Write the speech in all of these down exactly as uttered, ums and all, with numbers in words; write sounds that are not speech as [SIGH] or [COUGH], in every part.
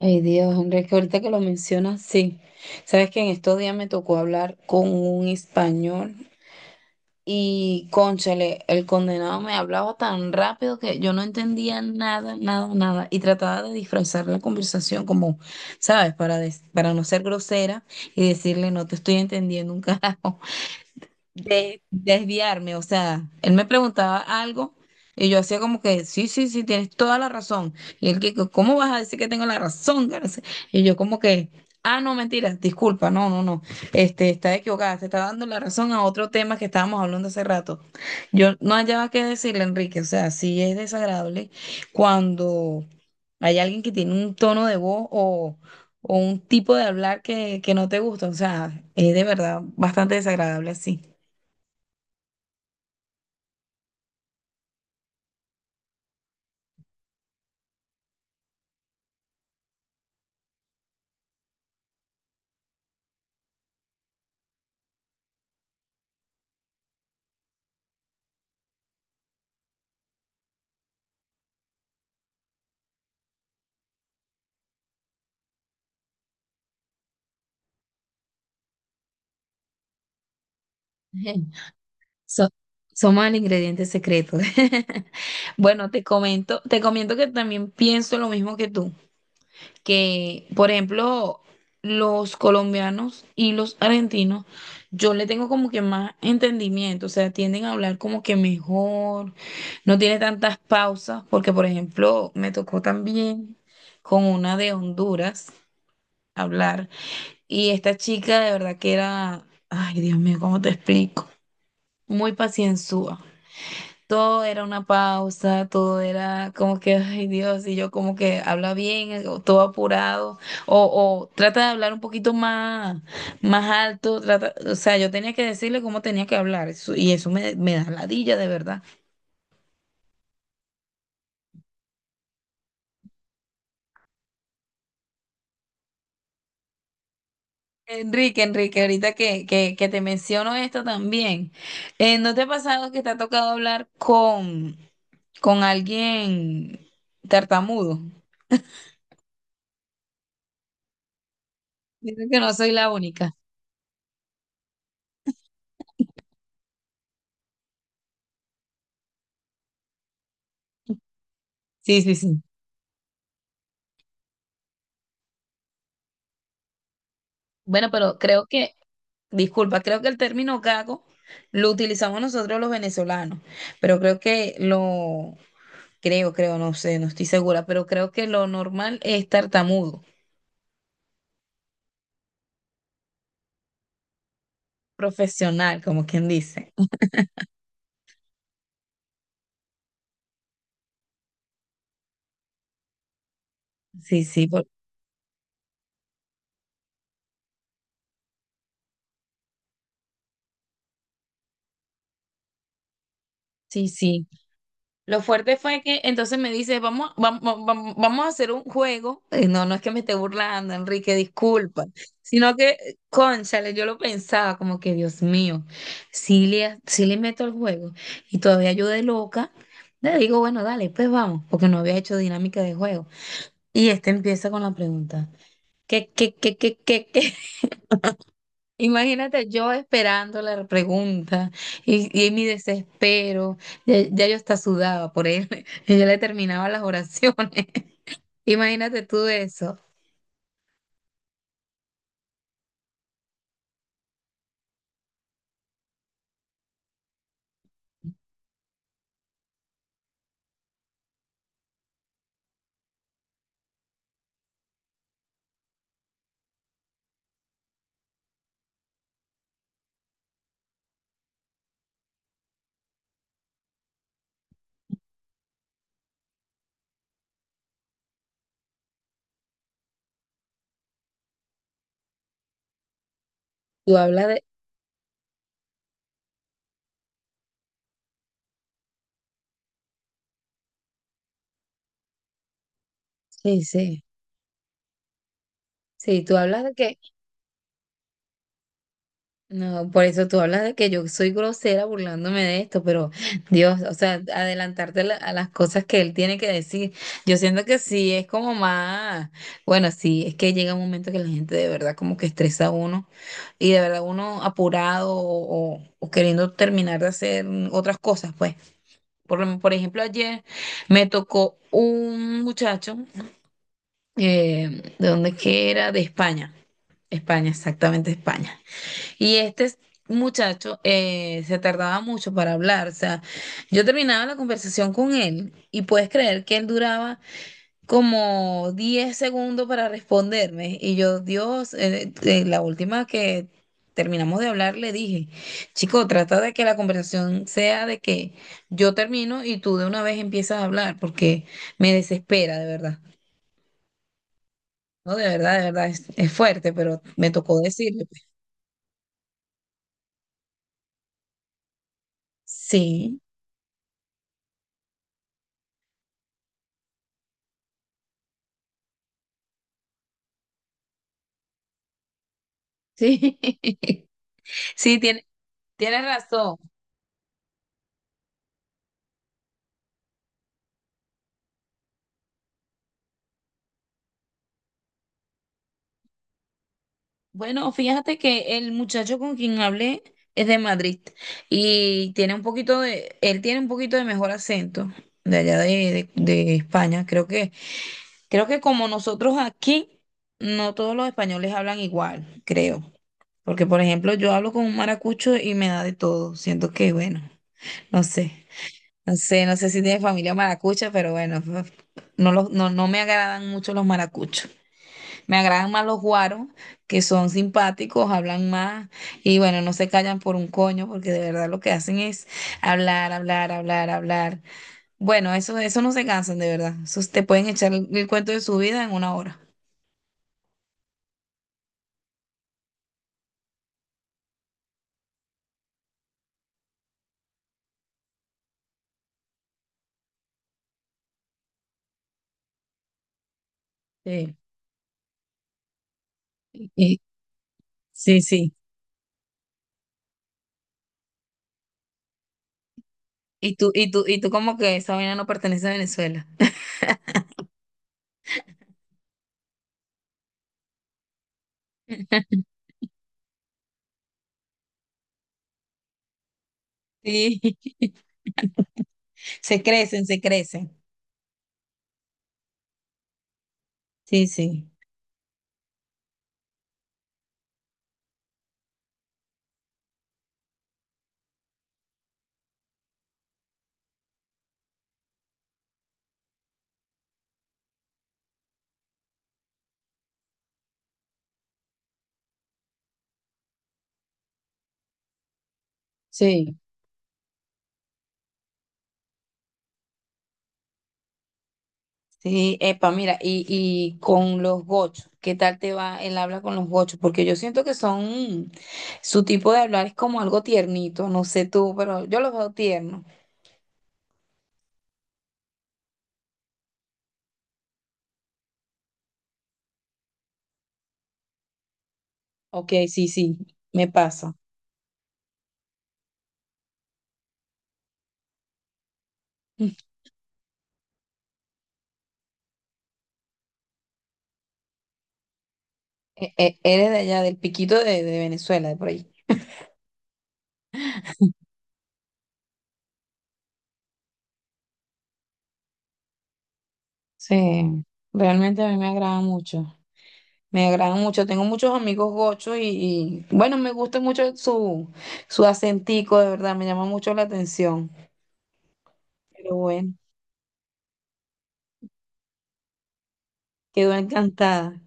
Ay, Dios, Andrés, que ahorita que lo mencionas, sí. Sabes que en estos días me tocó hablar con un español y, cónchale, el condenado me hablaba tan rápido que yo no entendía nada, nada, nada. Y trataba de disfrazar la conversación como, ¿sabes? Para, des- para no ser grosera y decirle, no te estoy entendiendo un [LAUGHS] carajo de desviarme. O sea, él me preguntaba algo y yo hacía como que, sí, sí, sí, tienes toda la razón. Y él que, ¿cómo vas a decir que tengo la razón? Que no. Y yo como que, ah, no, mentira, disculpa, no, no, no. Este, está equivocada, te está dando la razón a otro tema que estábamos hablando hace rato. Yo no hallaba qué decirle, Enrique. O sea, sí es desagradable cuando hay alguien que tiene un tono de voz o... o un tipo de hablar que, que no te gusta, o sea, es de verdad bastante desagradable así. [LAUGHS] So- Somos el ingrediente secreto. [LAUGHS] Bueno, te comento, te comento que también pienso lo mismo que tú, que por ejemplo, los colombianos y los argentinos, yo le tengo como que más entendimiento, o sea, tienden a hablar como que mejor, no tiene tantas pausas, porque por ejemplo, me tocó también con una de Honduras hablar, y esta chica de verdad que era, ay Dios mío, ¿cómo te explico? Muy pacienzúa. Todo era una pausa, todo era como que, ay Dios, y yo como que habla bien, eh, o todo apurado, o, o trata de hablar un poquito más, más alto, trata, o sea, yo tenía que decirle cómo tenía que hablar, eso- y eso me, me da ladilla de verdad. Enrique, Enrique, ahorita que, que, que te menciono esto también, eh, ¿no te ha pasado que te ha tocado hablar con, con alguien tartamudo? Dicen que no soy la única. Sí, sí, sí. Bueno, pero creo que, disculpa, creo que el término gago lo utilizamos nosotros los venezolanos, pero creo que lo, creo, creo, no sé, no estoy segura, pero creo que lo normal es tartamudo, profesional, como quien dice. Sí, sí, por- sí, sí. Lo fuerte fue que entonces me dice, vamos, vamos, vamos, vamos a hacer un juego. Eh, No, no es que me esté burlando, Enrique, disculpa. Sino que, eh, cónchale, yo lo pensaba como que, Dios mío, si le, sí le meto el juego. Y todavía yo de loca, le digo, bueno, dale, pues vamos, porque no había hecho dinámica de juego. Y este empieza con la pregunta, ¿qué, qué, qué, qué, qué, qué? Imagínate yo esperando la pregunta y, y mi desespero, ya, ya yo hasta sudaba por él, [LAUGHS] y yo le terminaba las oraciones. [LAUGHS] Imagínate tú eso, tú hablas de, sí, sí, sí, tú hablas de que. No, por eso tú hablas de que yo soy grosera burlándome de esto, pero Dios, o sea, adelantarte la- a las cosas que él tiene que decir. Yo siento que sí, es como más, bueno, sí, es que llega un momento que la gente de verdad como que estresa a uno y de verdad uno apurado o, o- o queriendo terminar de hacer otras cosas, pues. Por, lo- por ejemplo, ayer me tocó un muchacho, eh, ¿de dónde es que era? De España, España, exactamente España. Y este s- muchacho eh, se tardaba mucho para hablar. O sea, yo terminaba la conversación con él y puedes creer que él duraba como diez segundos para responderme. Y yo, Dios, eh, eh, la última que terminamos de hablar le dije, chico, trata de que la conversación sea de que yo termino y tú de una vez empiezas a hablar porque me desespera, de verdad. No, de verdad, de verdad, es, es fuerte, pero me tocó decirle, pues. Sí, sí. [LAUGHS] Sí, tiene Tienes razón. Bueno, fíjate que el muchacho con quien hablé es de Madrid y tiene un poquito de, él tiene un poquito de mejor acento de allá de, de, de España. Creo que, creo que como nosotros aquí, no todos los españoles hablan igual, creo. Porque, por ejemplo, yo hablo con un maracucho y me da de todo. Siento que, bueno, no sé, no sé, no sé si tiene familia maracucha, pero bueno, no, los- no, no me agradan mucho los maracuchos. Me agradan más los guaros, que son simpáticos, hablan más y bueno, no se callan por un coño, porque de verdad lo que hacen es hablar, hablar, hablar, hablar. Bueno, eso, eso no se cansan de verdad. Esos te pueden echar el, el cuento de su vida en una hora. Sí, y- sí, sí. Y tú, y tú, y tú como que esa vaina no pertenece a Venezuela. [LAUGHS] Sí, [LAUGHS] se crecen, se crecen. Sí, sí. Sí. Sí, epa, mira, y, y con los gochos, ¿qué tal te va el habla con los gochos? Porque yo siento que son, su tipo de hablar es como algo tiernito, no sé tú, pero yo los veo tiernos. Ok, sí, sí, me pasa. Mm, E- e- eres de allá, del piquito de, de, Venezuela, de por ahí. Sí, realmente a mí me agrada mucho. Me agrada mucho. Tengo muchos amigos gochos y, y, bueno, me gusta mucho su, su acentico, de verdad, me llama mucho la atención. Pero bueno, quedo encantada.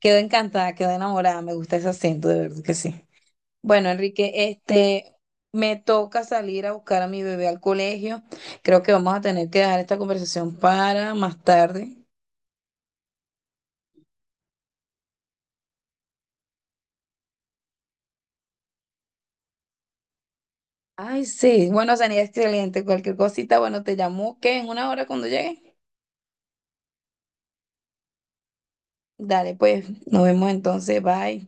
Quedó encantada, quedó enamorada, me gusta ese acento, de verdad que sí. Bueno, Enrique, este, me toca salir a buscar a mi bebé al colegio. Creo que vamos a tener que dejar esta conversación para más tarde. Ay, sí, bueno, sería excelente. Cualquier cosita, bueno, te llamo que en una hora cuando llegue. Dale, pues, nos vemos entonces, bye.